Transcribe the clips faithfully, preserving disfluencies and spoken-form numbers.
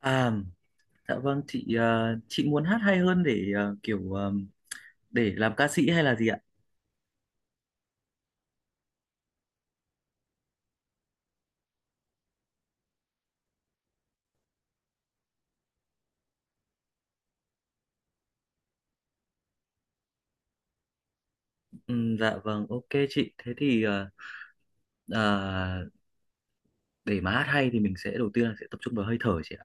À, dạ vâng chị, ờ, chị muốn hát hay hơn để ờ, kiểu ờ, để làm ca sĩ hay là gì ạ? Ừm, dạ vâng, ok chị. Thế thì ờ, ờ, để mà hát hay thì mình sẽ đầu tiên là sẽ tập trung vào hơi thở chị ạ.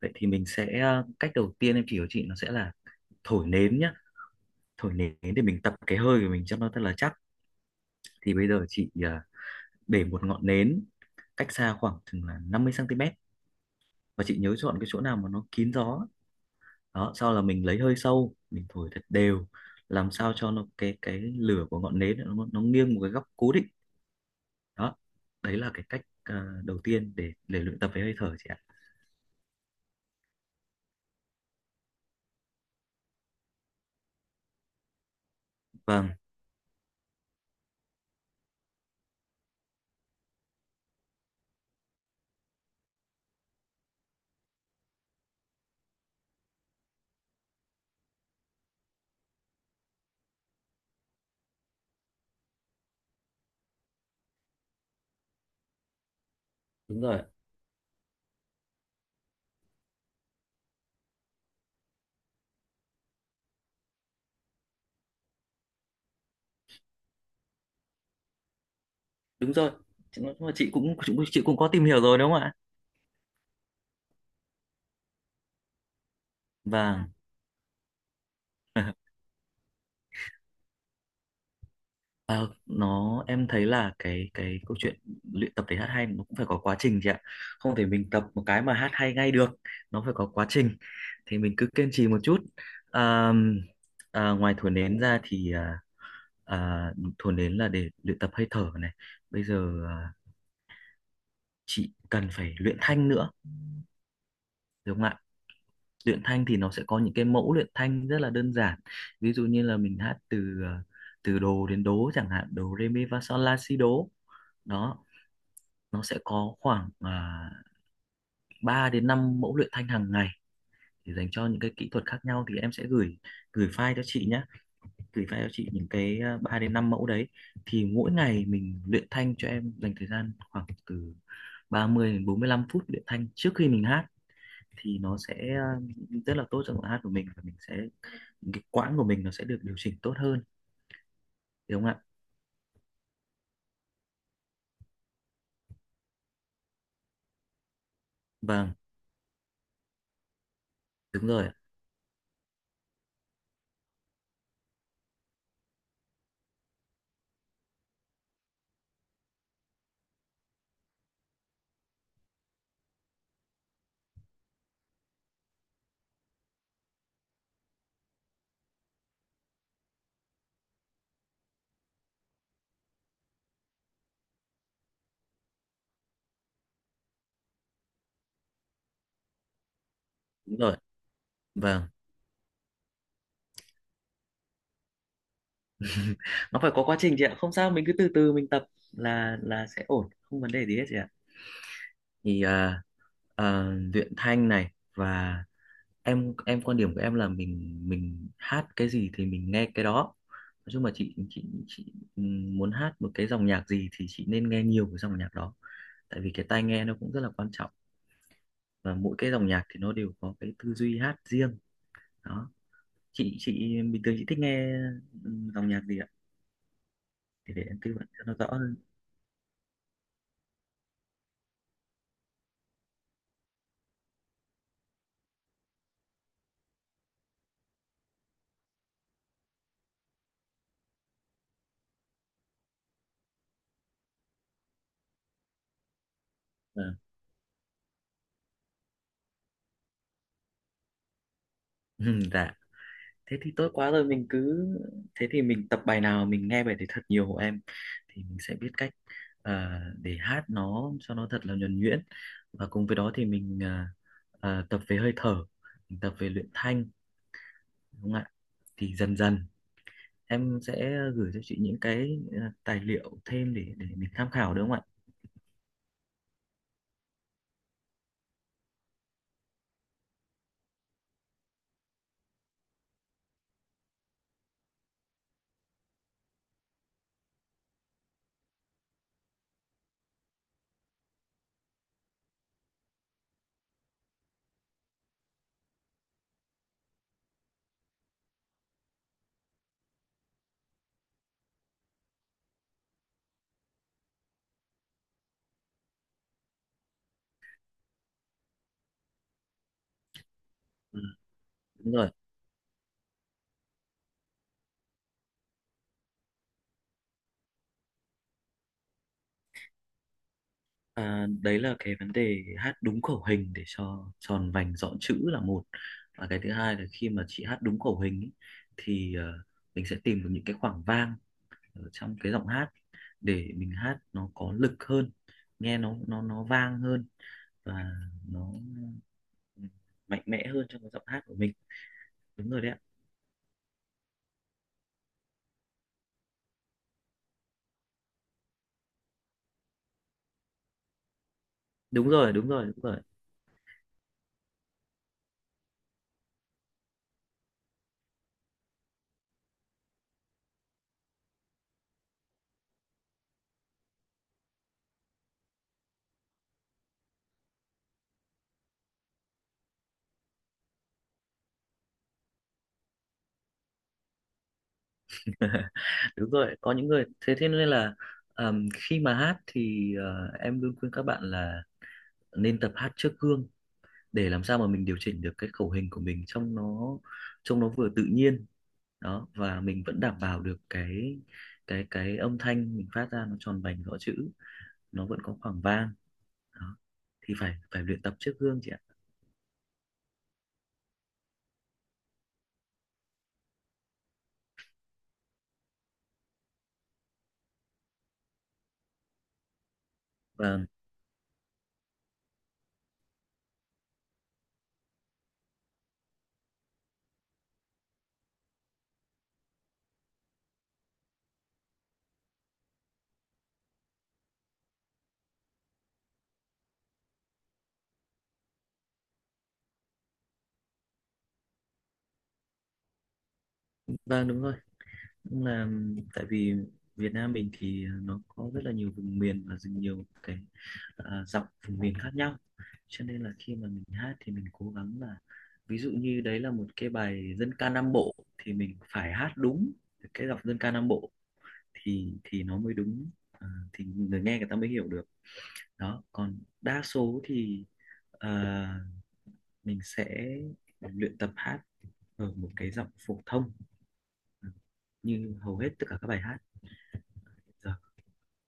Vậy thì mình sẽ, ờ, cách đầu tiên em chỉ cho chị nó sẽ là thổi nến nhá. Thổi nến để mình tập cái hơi của mình cho nó thật là chắc. Thì bây giờ chị ờ, để một ngọn nến cách xa khoảng chừng là năm mươi xăng ti mét, và chị nhớ chọn cái chỗ nào mà nó kín gió, đó sau là mình lấy hơi sâu mình thổi thật đều, làm sao cho nó cái cái lửa của ngọn nến nó, nó nghiêng một cái góc cố định. Đó, đấy là cái cách ờ, đầu tiên để để luyện tập với hơi thở chị ạ. Vâng, đúng rồi, đúng rồi chị, nói chung là chị cũng, cũng chị cũng có tìm hiểu rồi đúng không ạ? Vâng. À, nó em thấy là cái cái câu chuyện luyện tập để hát hay nó cũng phải có quá trình chị ạ. Không thể mình tập một cái mà hát hay ngay được, nó phải có quá trình, thì mình cứ kiên trì một chút. à, à, Ngoài thổi nến ra thì à, à, thổi nến là để luyện tập hơi thở này. Bây giờ à, chị cần phải luyện thanh nữa được không ạ? Luyện thanh thì nó sẽ có những cái mẫu luyện thanh rất là đơn giản, ví dụ như là mình hát từ, à, từ đồ đến đố chẳng hạn: đồ re mi fa sol la si đố. Đó, nó sẽ có khoảng à, ba đến năm mẫu luyện thanh hàng ngày để dành cho những cái kỹ thuật khác nhau, thì em sẽ gửi gửi file cho chị nhé, gửi file cho chị những cái à, ba đến năm mẫu đấy. Thì mỗi ngày mình luyện thanh, cho em dành thời gian khoảng từ ba mươi đến bốn mươi lăm phút luyện thanh trước khi mình hát, thì nó sẽ à, rất là tốt cho giọng hát của mình, và mình sẽ, cái quãng của mình nó sẽ được điều chỉnh tốt hơn đúng không ạ? Vâng, đúng rồi, đúng rồi. Vâng, nó phải có quá trình chị ạ, không sao mình cứ từ từ mình tập là là sẽ ổn, không vấn đề gì hết chị ạ. Thì à, à, luyện thanh này, và em em quan điểm của em là mình mình hát cái gì thì mình nghe cái đó. Nói chung là chị chị chị ừm, muốn hát một cái dòng nhạc gì thì chị nên nghe nhiều cái dòng nhạc đó, tại vì cái tai nghe nó cũng rất là quan trọng, và mỗi cái dòng nhạc thì nó đều có cái tư duy hát riêng. Đó, chị chị bình thường chị thích nghe ừm, dòng nhạc gì ạ? Thì để em tư vấn cho nó rõ hơn. Ờ. Dạ, thế thì tốt quá rồi mình cứ, thế thì mình tập bài nào mình nghe bài đấy thật nhiều em, thì mình sẽ biết cách, ờ, để hát nó cho nó thật là nhuần nhuyễn, và cùng với đó thì mình ờ, ờ, tập về hơi thở, mình tập về luyện thanh đúng không ạ? Thì dần dần em sẽ gửi cho chị những cái ờ, tài liệu thêm để để mình tham khảo đúng không ạ? Ừ, đúng rồi. À, đấy là cái vấn đề hát đúng khẩu hình để cho tròn vành rõ chữ là một, và cái thứ hai là khi mà chị hát đúng khẩu hình ý, thì ờ, mình sẽ tìm được những cái khoảng vang ở trong cái giọng hát để mình hát nó có lực hơn, nghe nó nó nó vang hơn, và nó mạnh mẽ hơn trong cái giọng hát của mình. Đúng rồi đấy ạ. Đúng rồi, đúng rồi, đúng rồi. Đúng rồi, có những người thế, thế nên là, ờm, khi mà hát thì ờ, em luôn khuyên các bạn là nên tập hát trước gương, để làm sao mà mình điều chỉnh được cái khẩu hình của mình trông nó, trông nó vừa tự nhiên. Đó, và mình vẫn đảm bảo được cái cái cái âm thanh mình phát ra nó tròn vành rõ chữ, nó vẫn có khoảng vang. Đó, thì phải phải luyện tập trước gương chị ạ. Và vâng, đúng rồi. Cũng là, tại vì Việt Nam mình thì nó có rất là nhiều vùng miền, và nhiều cái à, dọc vùng miền khác nhau, cho nên là khi mà mình hát thì mình cố gắng là, ví dụ như đấy là một cái bài dân ca Nam Bộ thì mình phải hát đúng cái dòng dân ca Nam Bộ, thì thì nó mới đúng, ờ, thì người nghe người ta mới hiểu được. Đó, còn đa số thì ờ, mình sẽ luyện tập hát ở một cái giọng phổ thông, ờ, như hầu hết tất cả các bài hát giờ.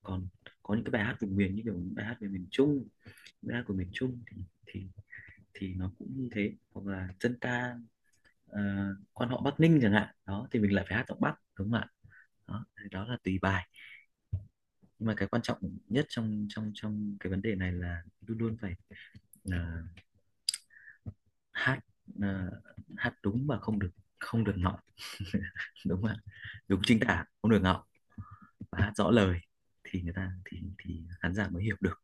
Còn có những cái bài hát vùng miền như kiểu những bài hát về miền Trung, bài hát của miền Trung thì, thì thì nó cũng như thế, hoặc là dân ca ờ, quan họ Bắc Ninh chẳng hạn, đó thì mình lại phải hát giọng Bắc đúng không ạ? Đó thì đó là tùy bài, nhưng mà cái quan trọng nhất trong trong trong cái vấn đề này là luôn luôn phải, là hát, là hát đúng và không được không được ngọng đúng không ạ? Đúng chính tả, không được ngọng, và hát rõ lời thì người ta, thì thì khán giả mới hiểu được.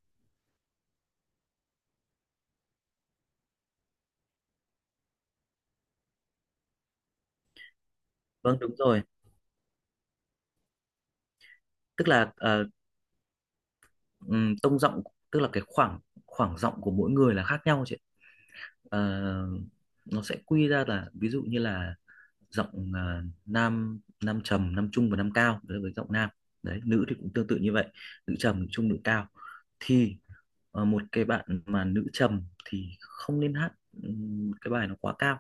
Vâng, đúng rồi. Tức là, ờ, Ừm, tông giọng tức là cái khoảng khoảng giọng của mỗi người là khác nhau chị ạ. Ờ, nó sẽ quy ra là, ví dụ như là giọng à, nam nam trầm, nam trung và nam cao, đấy là với giọng nam. Đấy, nữ thì cũng tương tự như vậy: nữ trầm, nữ trung, nữ cao. Thì ờ, một cái bạn mà nữ trầm thì không nên hát ừm, cái bài nó quá cao,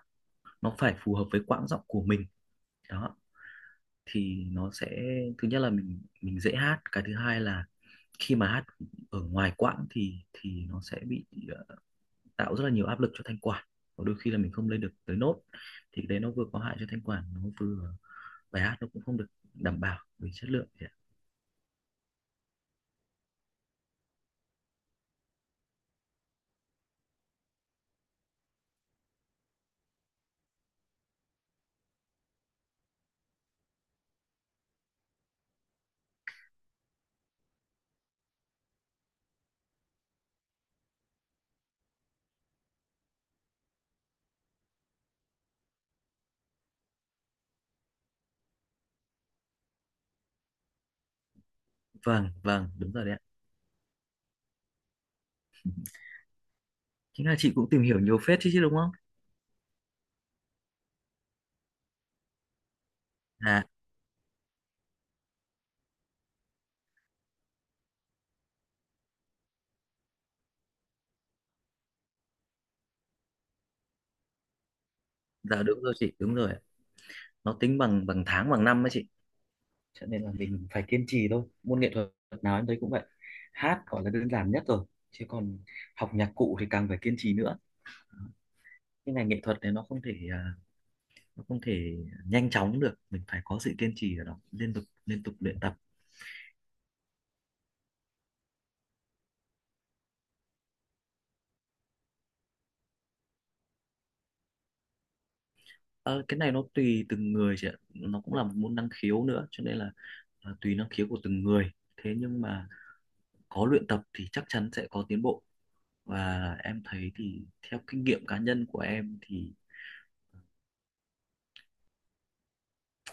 nó phải phù hợp với quãng giọng của mình. Đó, thì nó sẽ, thứ nhất là mình mình dễ hát, cái thứ hai là khi mà hát ở ngoài quãng thì thì nó sẽ bị, ờ, tạo rất là nhiều áp lực cho thanh quản, và đôi khi là mình không lên được tới nốt, thì cái đấy nó vừa có hại cho thanh quản, nó vừa, bài hát nó cũng không được đảm bảo về chất lượng chị ạ. Vâng, vâng đúng rồi đấy ạ. Chính là chị cũng tìm hiểu nhiều phết chứ chứ đúng không? À dạ đúng rồi chị, đúng rồi ạ. Nó tính bằng bằng tháng bằng năm ấy chị, cho nên là mình phải kiên trì thôi. Môn nghệ thuật nào em thấy cũng vậy, hát gọi là đơn giản nhất rồi, chứ còn học nhạc cụ thì càng phải kiên trì nữa. Cái ngành nghệ thuật này nó không thể à, nó không thể nhanh chóng được, mình phải có sự kiên trì ở đó, liên tục liên tục luyện tập. Ờ, cái này nó tùy từng người chị ạ, nó cũng là một môn năng khiếu nữa, cho nên là à, tùy năng khiếu của từng người. Thế nhưng mà có luyện tập thì chắc chắn sẽ có tiến bộ, và em thấy thì theo kinh nghiệm cá nhân của em thì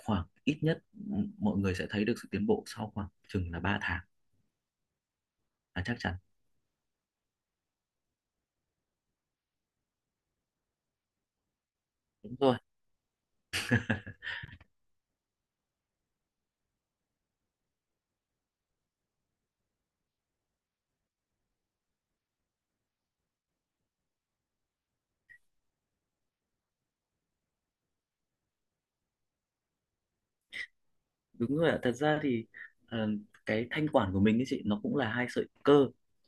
khoảng ít nhất mọi người sẽ thấy được sự tiến bộ sau khoảng chừng là ba tháng là chắc chắn. Đúng rồi, đúng rồi ạ. Thật ra thì, ờ, cái thanh quản của mình ấy chị, nó cũng là hai sợi cơ.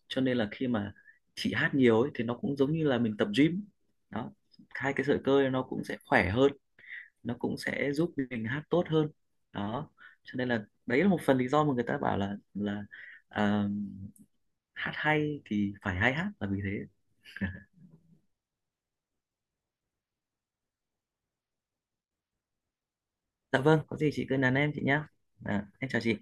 Cho nên là khi mà chị hát nhiều ấy thì nó cũng giống như là mình tập gym. Đó, hai cái sợi cơ ấy nó cũng sẽ khỏe hơn, nó cũng sẽ giúp mình hát tốt hơn. Đó. Cho nên là đấy là một phần lý do mà người ta bảo là là ờ, hát hay thì phải hay hát là vì thế. Dạ vâng, có gì chị cứ nhắn em chị nhá. À, em chào chị.